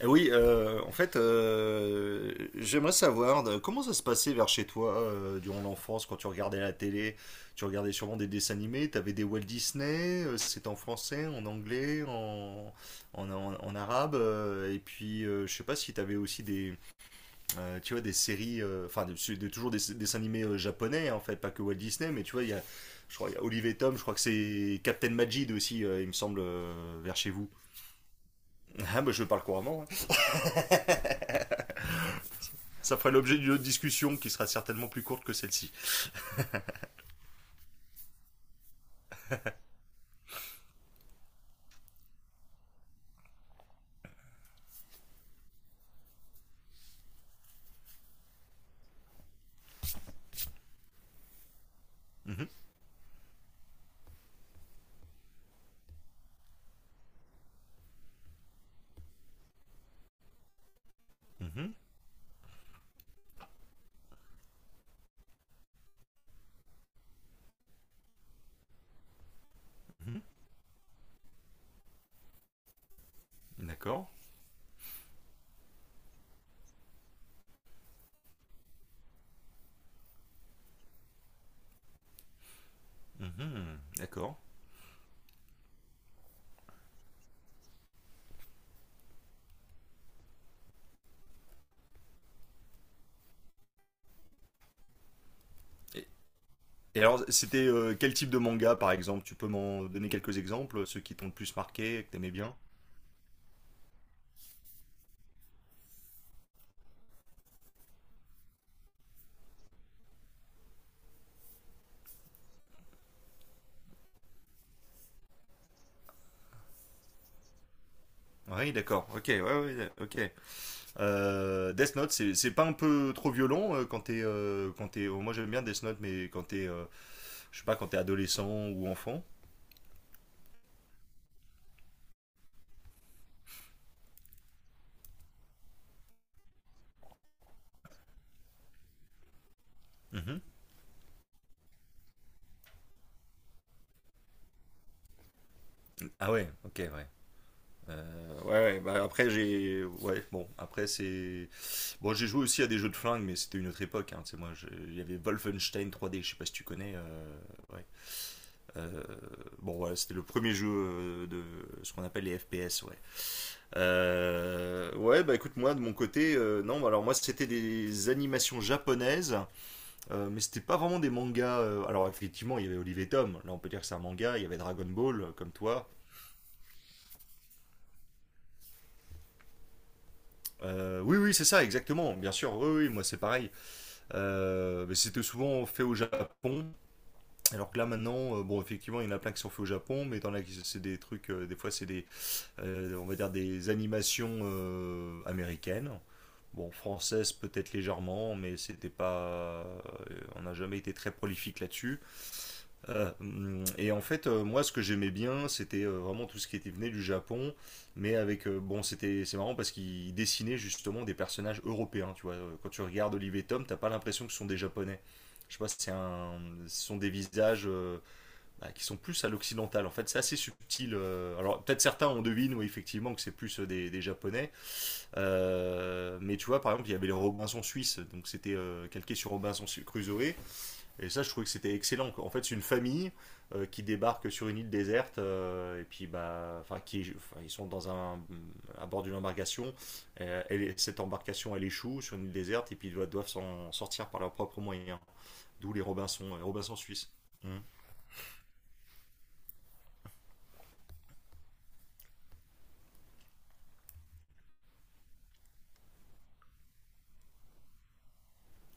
Eh oui, en fait, j'aimerais savoir comment ça se passait vers chez toi, durant l'enfance, quand tu regardais la télé, tu regardais sûrement des dessins animés, t'avais des Walt Disney, c'était en français, en anglais, en arabe, et puis je sais pas si t'avais aussi des, tu vois, des séries, enfin toujours des dessins animés, japonais, hein, en fait, pas que Walt Disney, mais tu vois, il y a, je crois, il y a Olive et Tom, je crois que c'est Captain Majid aussi, il me semble, vers chez vous. Ah bah je parle couramment, hein. Ça ferait l'objet d'une autre discussion qui sera certainement plus courte que celle-ci. Mhm, mhm, d'accord. Mhm, d'accord. Et, et alors, c'était quel type de manga, par exemple? Tu peux m'en donner quelques exemples, ceux qui t'ont le plus marqué, que t'aimais bien? Oui, d'accord. Ok, ouais, ouais, ok. Death Note, c'est pas un peu trop violent, quand t'es, quand t'es. Oh, moi, j'aime bien Death Note, mais quand t'es, je sais pas, quand t'es adolescent ou enfant? Mhm. Ah ouais, ok, ouais. Ouais, ouais, bah après j'ai, ouais, bon, après c'est, bon, j'ai joué aussi à des jeux de flingue, mais c'était une autre époque, hein. Tu sais, moi, il y avait Wolfenstein 3D, je sais pas si tu connais, ouais. Euh, bon, voilà, c'était le premier jeu, de ce qu'on appelle les FPS, ouais. Ouais, bah écoute, moi, de mon côté, non, alors moi, c'était des animations japonaises, mais c'était pas vraiment des mangas. Alors, effectivement, il y avait Olive et Tom, là, on peut dire que c'est un manga, il y avait Dragon Ball, comme toi. Oui, oui, c'est ça, exactement, bien sûr, oui, oui, moi, c'est pareil. Mais c'était souvent fait au Japon. Alors que là maintenant, bon, effectivement, il y en a plein qui sont faits au Japon, mais dans la c'est des trucs, des fois c'est des, on va dire des animations, américaines, bon, françaises peut-être légèrement, mais c'était pas, on n'a jamais été très prolifique là-dessus. Et en fait, moi ce que j'aimais bien c'était, vraiment tout ce qui était venu du Japon, mais avec, bon, c'est marrant parce qu'ils dessinaient justement des personnages européens, tu vois. Quand tu regardes Olive et Tom, t'as pas l'impression que ce sont des Japonais. Je sais pas, c'est un, ce sont des visages, bah, qui sont plus à l'occidental. En fait, c'est assez subtil. Alors, peut-être certains on devine, oui, effectivement, que c'est plus, des Japonais. Mais tu vois, par exemple, il y avait les Robinson Suisse, donc c'était, calqué sur Robinson Crusoe. Et ça, je trouvais que c'était excellent, quoi. En fait, c'est une famille, qui débarque sur une île déserte, et puis, bah, enfin, qui, enfin, ils sont dans un, à bord d'une embarcation. Elle cette embarcation, elle échoue sur une île déserte, et puis ils doivent s'en sortir par leurs propres moyens. D'où les Robinson Suisse. Mm.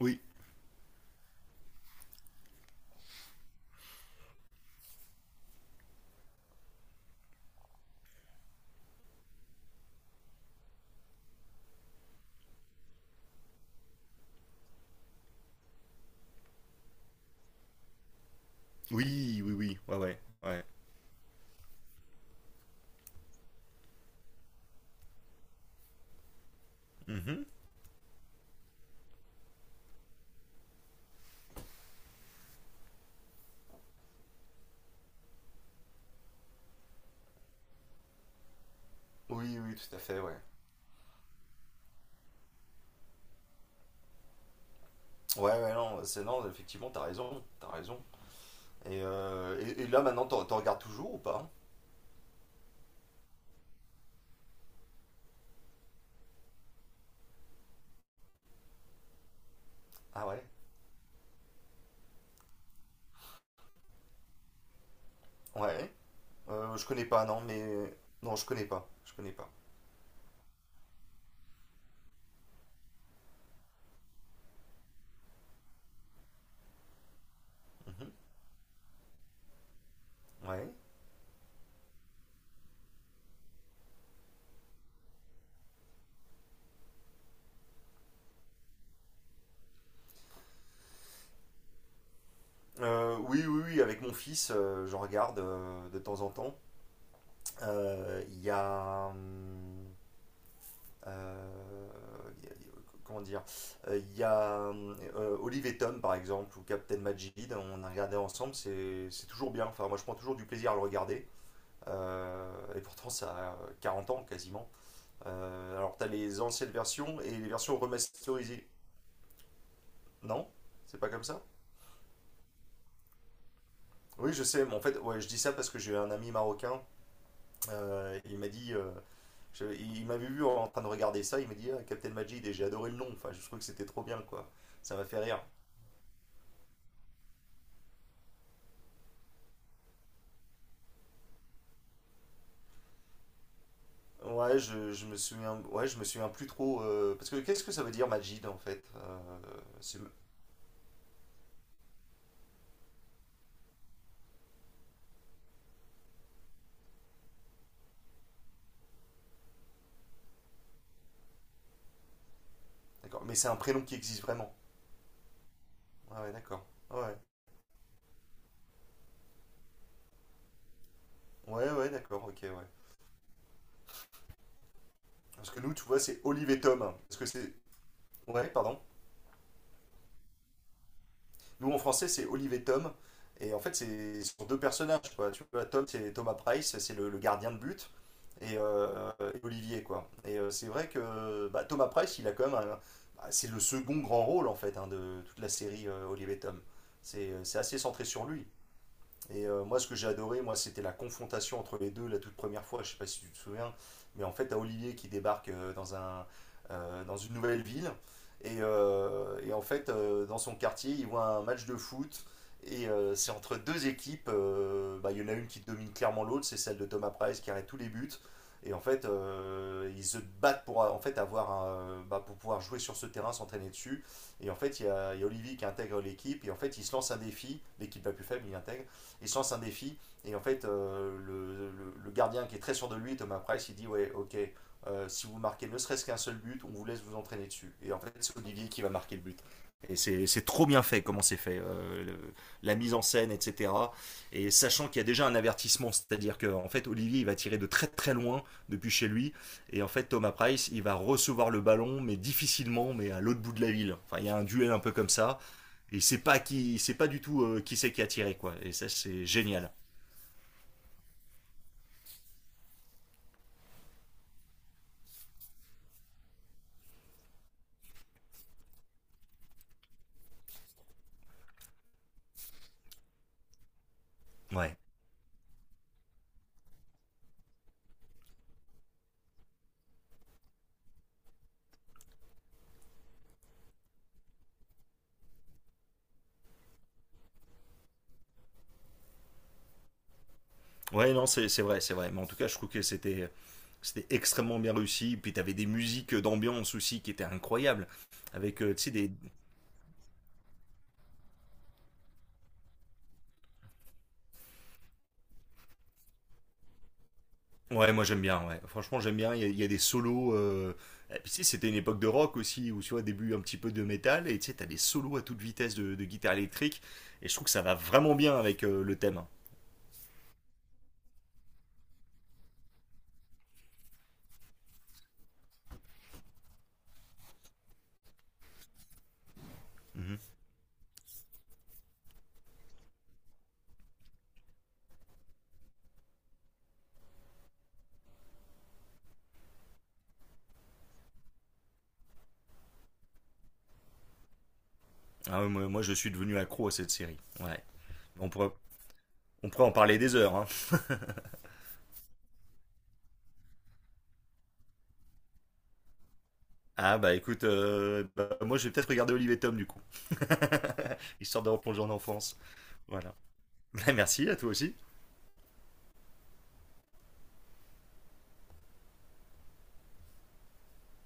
Oui, oui, oui, oui, ouais, ouais, ouais. Mhm. Oui, oui, tout à fait, ouais. Ouais, ouais, non, bah, c'est non, effectivement, t'as raison, t'as raison. Et là, maintenant, t'en regardes toujours ou pas? Ah ouais? Ouais. Je connais pas, non, mais. Non, je connais pas, je connais pas. Mhm. Ouais. Oui, oui, oui, avec mon fils, j'en regarde, de temps en temps. Il y a, Euh, comment dire, il y a, Olive et Tom, par exemple, ou Captain Majid, on a regardé ensemble, c'est toujours bien. Enfin, moi, je prends toujours du plaisir à le regarder. Et pourtant, ça a 40 ans quasiment. Alors, tu as les anciennes versions et les versions remasterisées. Non. C'est pas comme ça. Oui, je sais, mais en fait, ouais, je dis ça parce que j'ai un ami marocain. Il m'a dit, il m'avait vu en train de regarder ça, il m'a dit: ah, Captain Majid! Et j'ai adoré le nom. Enfin, je trouve que c'était trop bien, quoi. Ça m'a fait rire. Ouais, je me souviens, ouais, je me souviens plus trop. Parce que qu'est-ce que ça veut dire Majid en fait? C'est- d'accord. Mais c'est un prénom qui existe vraiment. Ah ouais, d'accord. Ouais, ouais, ouais, d'accord, ok, ouais. Parce que nous, tu vois, c'est Olive et Tom, hein. Parce que c'est. Ouais, pardon. Nous, en français, c'est Olive et Tom. Et en fait, c'est sur deux personnages, quoi. Tu vois, Tom, c'est Thomas Price, c'est le gardien de but, et Olivier, quoi. Et c'est vrai que bah, Thomas Price, il a quand même bah, c'est le second grand rôle, en fait, hein, de toute la série, Olive et Tom. C'est assez centré sur lui. Et moi, ce que j'ai adoré, moi, c'était la confrontation entre les deux la toute première fois. Je sais pas si tu te souviens, mais en fait, t'as Olivier qui débarque, dans un, dans une nouvelle ville. Et en fait, dans son quartier, il voit un match de foot. Et c'est entre deux équipes. Bah, il y en a une qui domine clairement l'autre, c'est celle de Thomas Price qui arrête tous les buts. Et en fait, ils se battent pour, en fait, avoir bah, pour pouvoir jouer sur ce terrain, s'entraîner dessus. Et en fait, il y a Olivier qui intègre l'équipe. Et en fait, il se lance un défi. L'équipe la plus faible, il intègre et se lance un défi. Et en fait, le gardien qui est très sûr de lui, Thomas Price, il dit: ouais, ok, si vous marquez ne serait-ce qu'un seul but, on vous laisse vous entraîner dessus. Et en fait, c'est Olivier qui va marquer le but. Et c'est trop bien fait comment c'est fait, la mise en scène, etc. Et sachant qu'il y a déjà un avertissement, c'est-à-dire que en fait Olivier il va tirer de très très loin depuis chez lui, et en fait Thomas Price il va recevoir le ballon mais difficilement, mais à l'autre bout de la ville. Enfin il y a un duel un peu comme ça, il sait pas qui, il sait pas du tout, qui c'est qui a tiré quoi. Et ça c'est génial. Ouais. Ouais, non, c'est vrai, c'est vrai. Mais en tout cas je trouve que c'était extrêmement bien réussi. Puis t'avais des musiques d'ambiance aussi qui étaient incroyables. Avec, tu sais des, ouais, moi j'aime bien, ouais. Franchement j'aime bien. Il y a des solos, et puis tu sais c'était une époque de rock aussi où tu vois début un petit peu de métal et tu sais t'as des solos à toute vitesse de guitare électrique. Et je trouve que ça va vraiment bien avec, le thème. Mhm. Ah ouais, moi, moi, je suis devenu accro à cette série. Ouais. On pourrait, on pourrait en parler des heures, hein. Ah bah écoute, bah, moi je vais peut-être regarder Olivier Tom du coup. Histoire de replonger en enfance. Voilà. Merci à toi aussi.